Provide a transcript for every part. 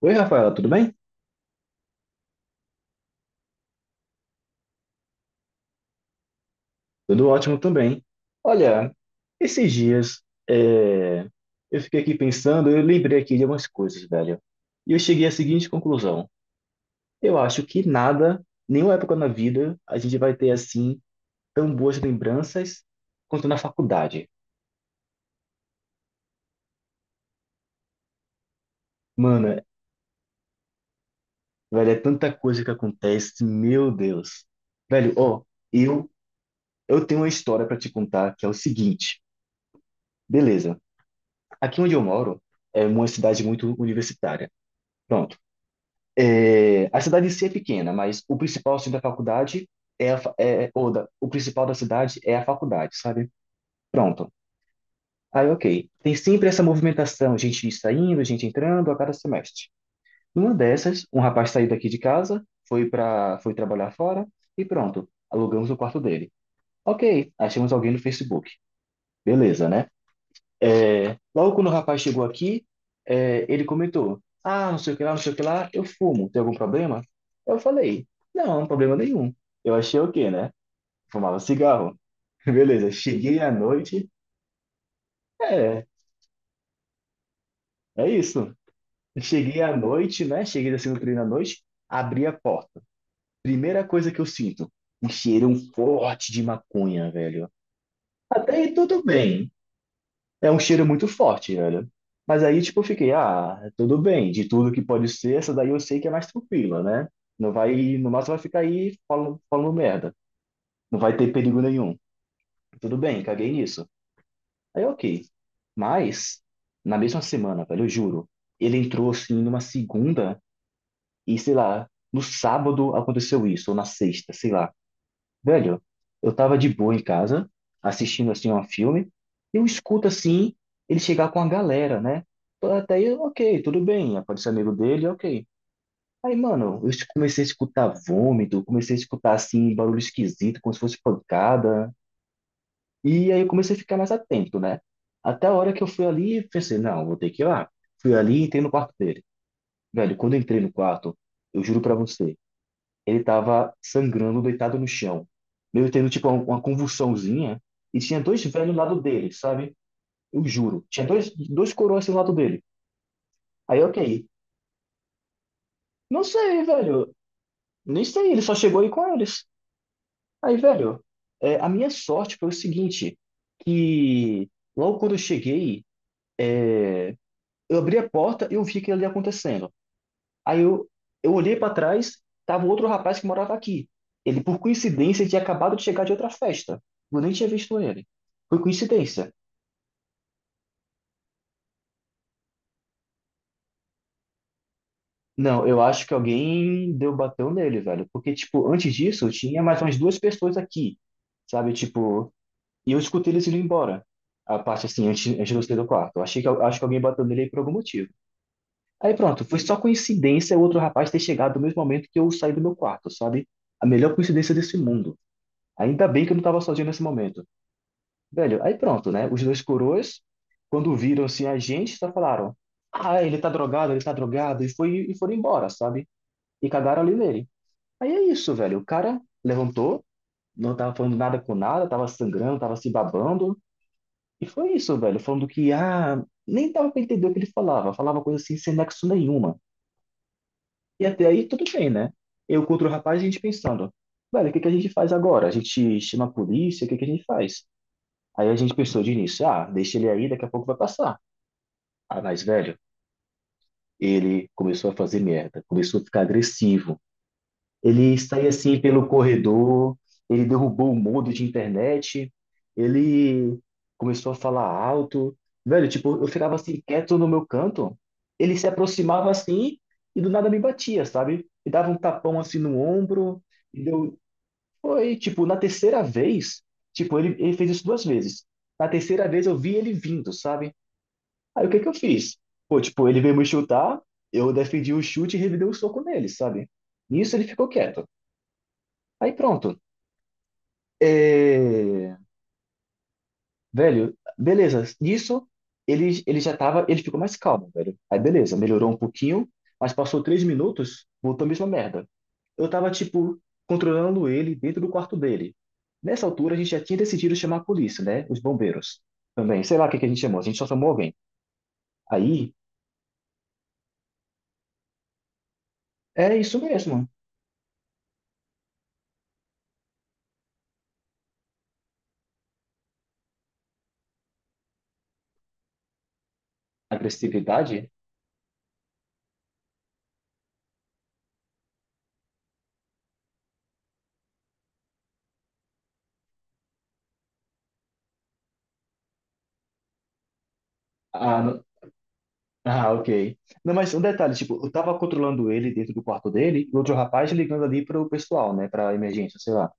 Oi, Rafaela, tudo bem? Tudo ótimo também. Olha, esses dias é, eu fiquei aqui pensando, eu lembrei aqui de algumas coisas, velho. E eu cheguei à seguinte conclusão. Eu acho que nada, nenhuma época na vida, a gente vai ter assim tão boas lembranças quanto na faculdade. Mano, velho, é tanta coisa que acontece, meu Deus. Velho, ó, eu, eu tenho uma história pra te contar que é o seguinte. Beleza, aqui onde eu moro é uma cidade muito universitária. Pronto. É, a cidade em si é pequena, mas o principal centro da faculdade é, a, fa- é é, ou da, o principal da cidade é a faculdade, sabe? Pronto. Aí, ok. Tem sempre essa movimentação, gente saindo, gente entrando a cada semestre. Numa dessas, um rapaz saiu daqui de casa, foi para, foi trabalhar fora e pronto, alugamos o quarto dele. Ok, achamos alguém no Facebook. Beleza, né? Logo quando o rapaz chegou aqui, ele comentou: Ah, não sei o que lá, não sei o que lá, eu fumo, tem algum problema? Eu falei: Não, problema nenhum. Eu achei o quê, né? Fumava cigarro. Beleza, cheguei à noite, é, é isso. Cheguei à noite, né? Cheguei assim no treino à noite, abri a porta. Primeira coisa que eu sinto, um cheirão forte de maconha, velho. Até aí tudo bem, é um cheiro muito forte, velho. Mas aí, tipo, eu fiquei, ah, tudo bem, de tudo que pode ser, essa daí eu sei que é mais tranquila, né? Não vai, no máximo vai ficar aí falando, falando merda. Não vai ter perigo nenhum. Tudo bem, caguei nisso. Aí, ok. Mas, na mesma semana, velho, eu juro, ele entrou assim numa segunda e, sei lá, no sábado aconteceu isso, ou na sexta, sei lá. Velho, eu tava de boa em casa, assistindo assim um filme, e eu escuto assim ele chegar com a galera, né? Até aí, ok, tudo bem, aparece amigo dele, ok. Aí, mano, comecei a escutar vômito, comecei a escutar assim barulho esquisito, como se fosse pancada, e aí eu comecei a ficar mais atento, né? Até a hora que eu fui ali, e pensei, não, vou ter que ir lá. Fui ali e entrei no quarto dele. Velho, quando eu entrei no quarto, eu juro pra você ele estava sangrando, deitado no chão. Meio tendo, tipo, uma convulsãozinha. E tinha dois velhos do lado dele, sabe? Eu juro. Tinha dois coroas assim do lado dele. Aí, ok. Não sei, velho. Nem sei, ele só chegou aí com eles. Aí, velho, a minha sorte foi o seguinte, que logo quando eu cheguei, é, eu abri a porta e eu vi aquilo ali acontecendo. Aí eu olhei para trás, tava um outro rapaz que morava aqui. Ele, por coincidência, tinha acabado de chegar de outra festa. Eu nem tinha visto ele. Foi coincidência. Não, eu acho que alguém deu bateu nele, velho. Porque, tipo, antes disso, tinha mais umas duas pessoas aqui, sabe? Tipo, e eu escutei eles indo embora. A parte, assim, antes de eu sair do quarto. Eu achei que, acho que alguém bateu nele aí por algum motivo. Aí pronto, foi só coincidência o outro rapaz ter chegado no mesmo momento que eu saí do meu quarto, sabe? A melhor coincidência desse mundo. Ainda bem que eu não tava sozinho nesse momento. Velho, aí pronto, né? Os dois coroas, quando viram-se a gente, só falaram: Ah, ele tá drogado, e foram embora, sabe? E cagaram ali nele. Aí é isso, velho. O cara levantou, não tava falando nada com nada, tava sangrando, tava se babando, e foi isso, velho. Falando que, ah, nem dava pra entender o que ele falava, falava coisa assim sem nexo nenhuma. E até aí tudo bem, né? Eu contra o rapaz, a gente pensando: Velho, o que que a gente faz agora? A gente chama a polícia, o que que a gente faz? Aí a gente pensou de início: Ah, deixa ele aí, daqui a pouco vai passar. A mais velho, ele começou a fazer merda, começou a ficar agressivo. Ele saía assim pelo corredor, ele derrubou o modo de internet, ele começou a falar alto. Velho, tipo, eu ficava assim quieto no meu canto, ele se aproximava assim e do nada me batia, sabe? Me dava um tapão assim no ombro, e deu... Foi, tipo, na terceira vez, tipo, ele fez isso duas vezes. Na terceira vez eu vi ele vindo, sabe? Aí o que que eu fiz? Pô, tipo, ele veio me chutar, eu defendi o chute e revidei o soco nele, sabe? Nisso ele ficou quieto. Aí pronto. É... Velho, beleza. Nisso ele ficou mais calmo, velho. Aí beleza, melhorou um pouquinho, mas passou 3 minutos, voltou a mesma merda. Eu tava, tipo, controlando ele dentro do quarto dele. Nessa altura a gente já tinha decidido chamar a polícia, né? Os bombeiros também. Sei lá o que que a gente chamou, a gente só chamou alguém. Aí, é isso mesmo. Agressividade. Ah, ok. Não, mas um detalhe, tipo, eu tava controlando ele dentro do quarto dele, e outro rapaz ligando ali pro pessoal, né, pra emergência, sei lá.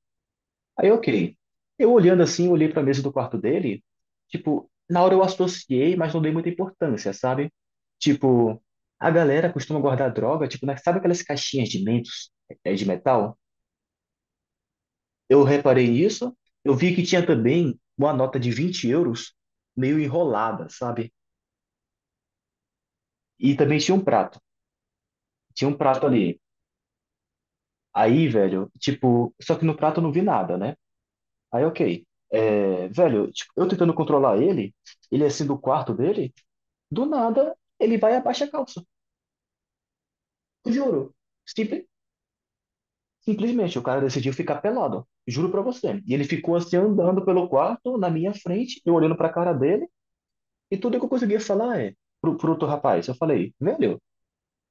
Aí, ok. Eu olhando assim, olhei pra mesa do quarto dele, tipo, na hora eu associei, mas não dei muita importância, sabe? Tipo, a galera costuma guardar droga, tipo, na- sabe aquelas caixinhas de mentos, de metal? Eu reparei nisso, eu vi que tinha também uma nota de 20 euros meio enrolada, sabe? E também tinha um prato. Tinha um prato ali. Aí, velho, tipo, só que no prato eu não vi nada, né? Aí, ok. É, velho, tipo, eu tentando controlar ele, ele é assim do quarto dele, do nada ele vai e abaixa a calça. Juro. Simple- simplesmente, o cara decidiu ficar pelado. Juro pra você. E ele ficou assim andando pelo quarto, na minha frente, eu olhando pra cara dele, e tudo que eu conseguia falar é pro outro rapaz. Eu falei, velho,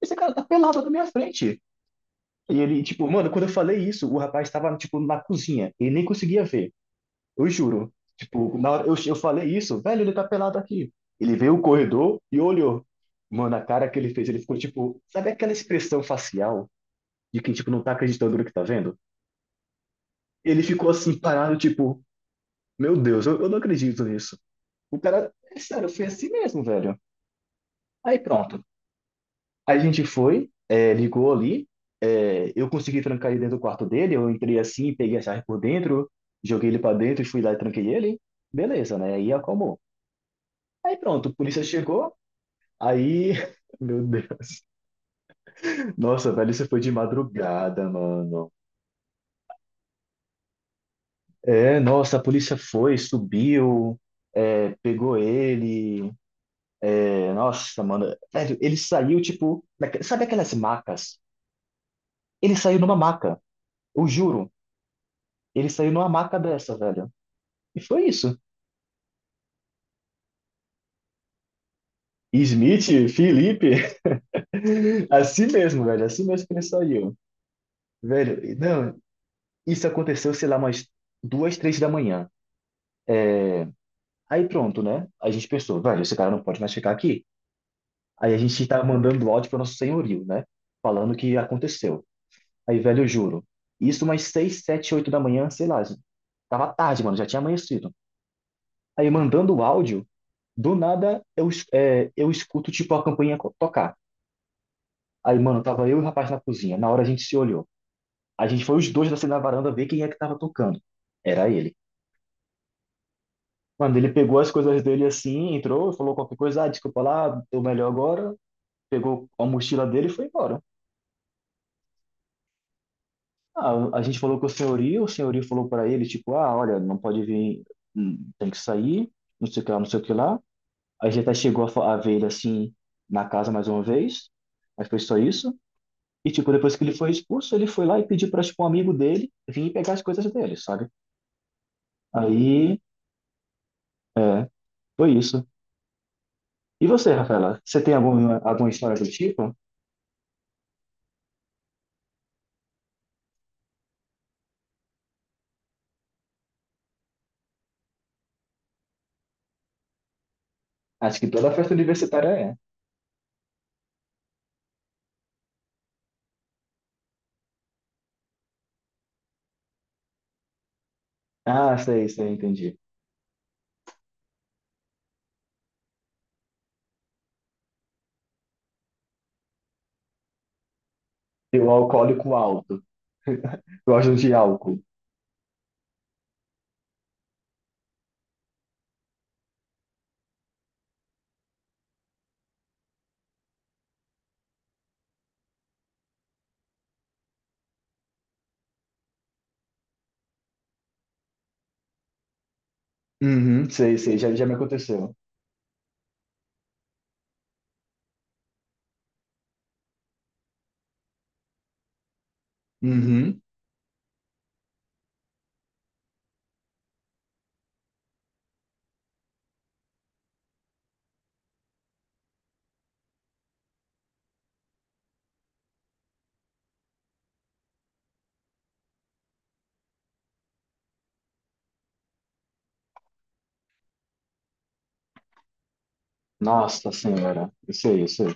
esse cara tá pelado na minha frente. E ele, tipo, mano, quando eu falei isso, o rapaz tava, tipo, na cozinha. Ele nem conseguia ver. Eu juro. Tipo, na hora eu falei isso, velho, ele tá pelado aqui. Ele veio o corredor e olhou. Mano, a cara que ele fez, ele ficou tipo, sabe aquela expressão facial de quem, tipo, não tá acreditando no que tá vendo? Ele ficou assim, parado, tipo, meu Deus, eu não acredito nisso. O cara, é sério, foi assim mesmo, velho. Aí pronto. Aí a gente foi, ligou ali, eu consegui trancar ele dentro do quarto dele, eu entrei assim, peguei a chave por dentro, joguei ele pra dentro e fui lá e tranquei ele. Beleza, né? Aí acalmou. Aí pronto, a polícia chegou, aí, meu Deus. Nossa, velho, isso foi de madrugada, mano. É, nossa, a polícia foi, subiu, pegou ele. É, nossa, mano. Velho, ele saiu, tipo, sabe aquelas macas? Ele saiu numa maca, eu juro. Ele saiu numa maca dessa, velho. E foi isso. Smith, Felipe, assim mesmo, velho, assim mesmo que ele saiu. Velho, não, isso aconteceu, sei lá, umas 2, 3 da manhã. É, aí pronto, né? A gente pensou, velho, esse cara não pode mais ficar aqui. Aí a gente tá mandando áudio para nosso senhorio, né? Falando o que aconteceu. Aí, velho, eu juro. Isso umas 6, 7, 8 da manhã, sei lá. Tava tarde, mano, já tinha amanhecido. Aí mandando o áudio, do nada eu escuto tipo a campainha tocar. Aí, mano, tava eu e o rapaz na cozinha. Na hora a gente se olhou. A gente foi os dois assim na varanda ver quem é que tava tocando. Era ele. Mano, ele pegou as coisas dele assim, entrou, falou qualquer coisa, ah, desculpa lá, tô melhor agora, pegou a mochila dele e foi embora. Ah, a gente falou com o senhorio falou para ele, tipo, ah, olha, não pode vir, tem que sair, não sei o que lá, não sei o que lá. A gente até chegou a, a ver ele assim na casa mais uma vez, mas foi só isso. E, tipo, depois que ele foi expulso, ele foi lá e pediu para tipo, um amigo dele vir pegar as coisas dele, sabe? Aí, é, foi isso. E você, Rafaela, você tem alguma, alguma história do tipo? Acho que toda festa universitária é. Ah, sei, sei, entendi. E o alcoólico alto. Gosto de álcool. Uhum, sei, sei, já, já me aconteceu. Uhum. Nossa senhora, eu sei, eu sei.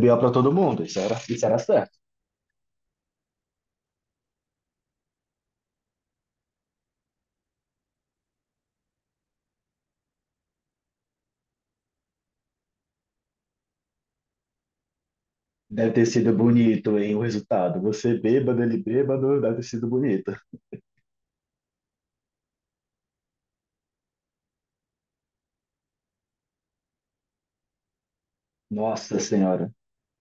B.O. pra todo mundo, isso era certo. Deve ter sido bonito, hein, o resultado. Você bêbado, ele bêbado, deve ter sido bonito. Nossa senhora.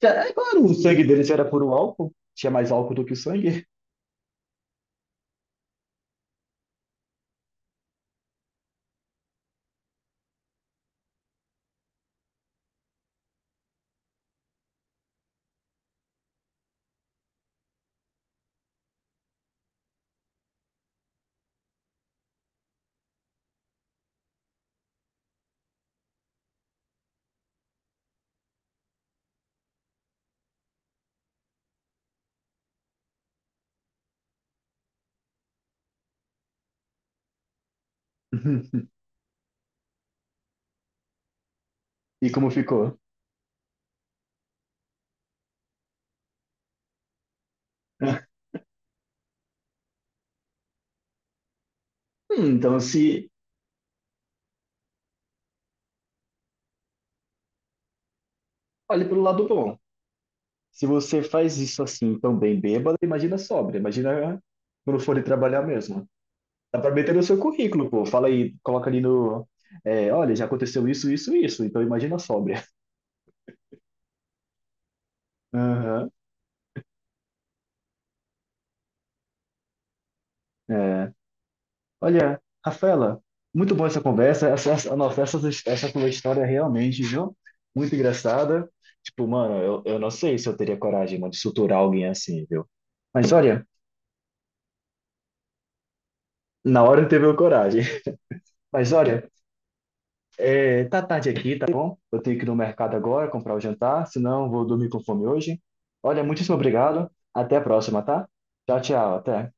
É claro, o sangue deles era puro álcool. Tinha mais álcool do que sangue. E como ficou? Então, se... Olha pelo lado bom. Se você faz isso assim, tão bem bêbado, imagina sóbrio. Imagina quando for ir trabalhar mesmo. Dá pra meter no seu currículo, pô. Fala aí, coloca ali no. É, olha, já aconteceu isso, isso, isso. Então imagina a sóbria. Aham. É. Olha, Rafaela, muito boa essa conversa. Nossa, essa tua história realmente, viu? Muito engraçada. Tipo, mano, eu não sei se eu teria coragem, mano, de suturar alguém assim, viu? Mas olha, na hora não teve coragem. Mas olha, é, tá tarde aqui, tá bom? Eu tenho que ir no mercado agora comprar o jantar, senão vou dormir com fome hoje. Olha, muitíssimo obrigado. Até a próxima, tá? Tchau, tchau, até.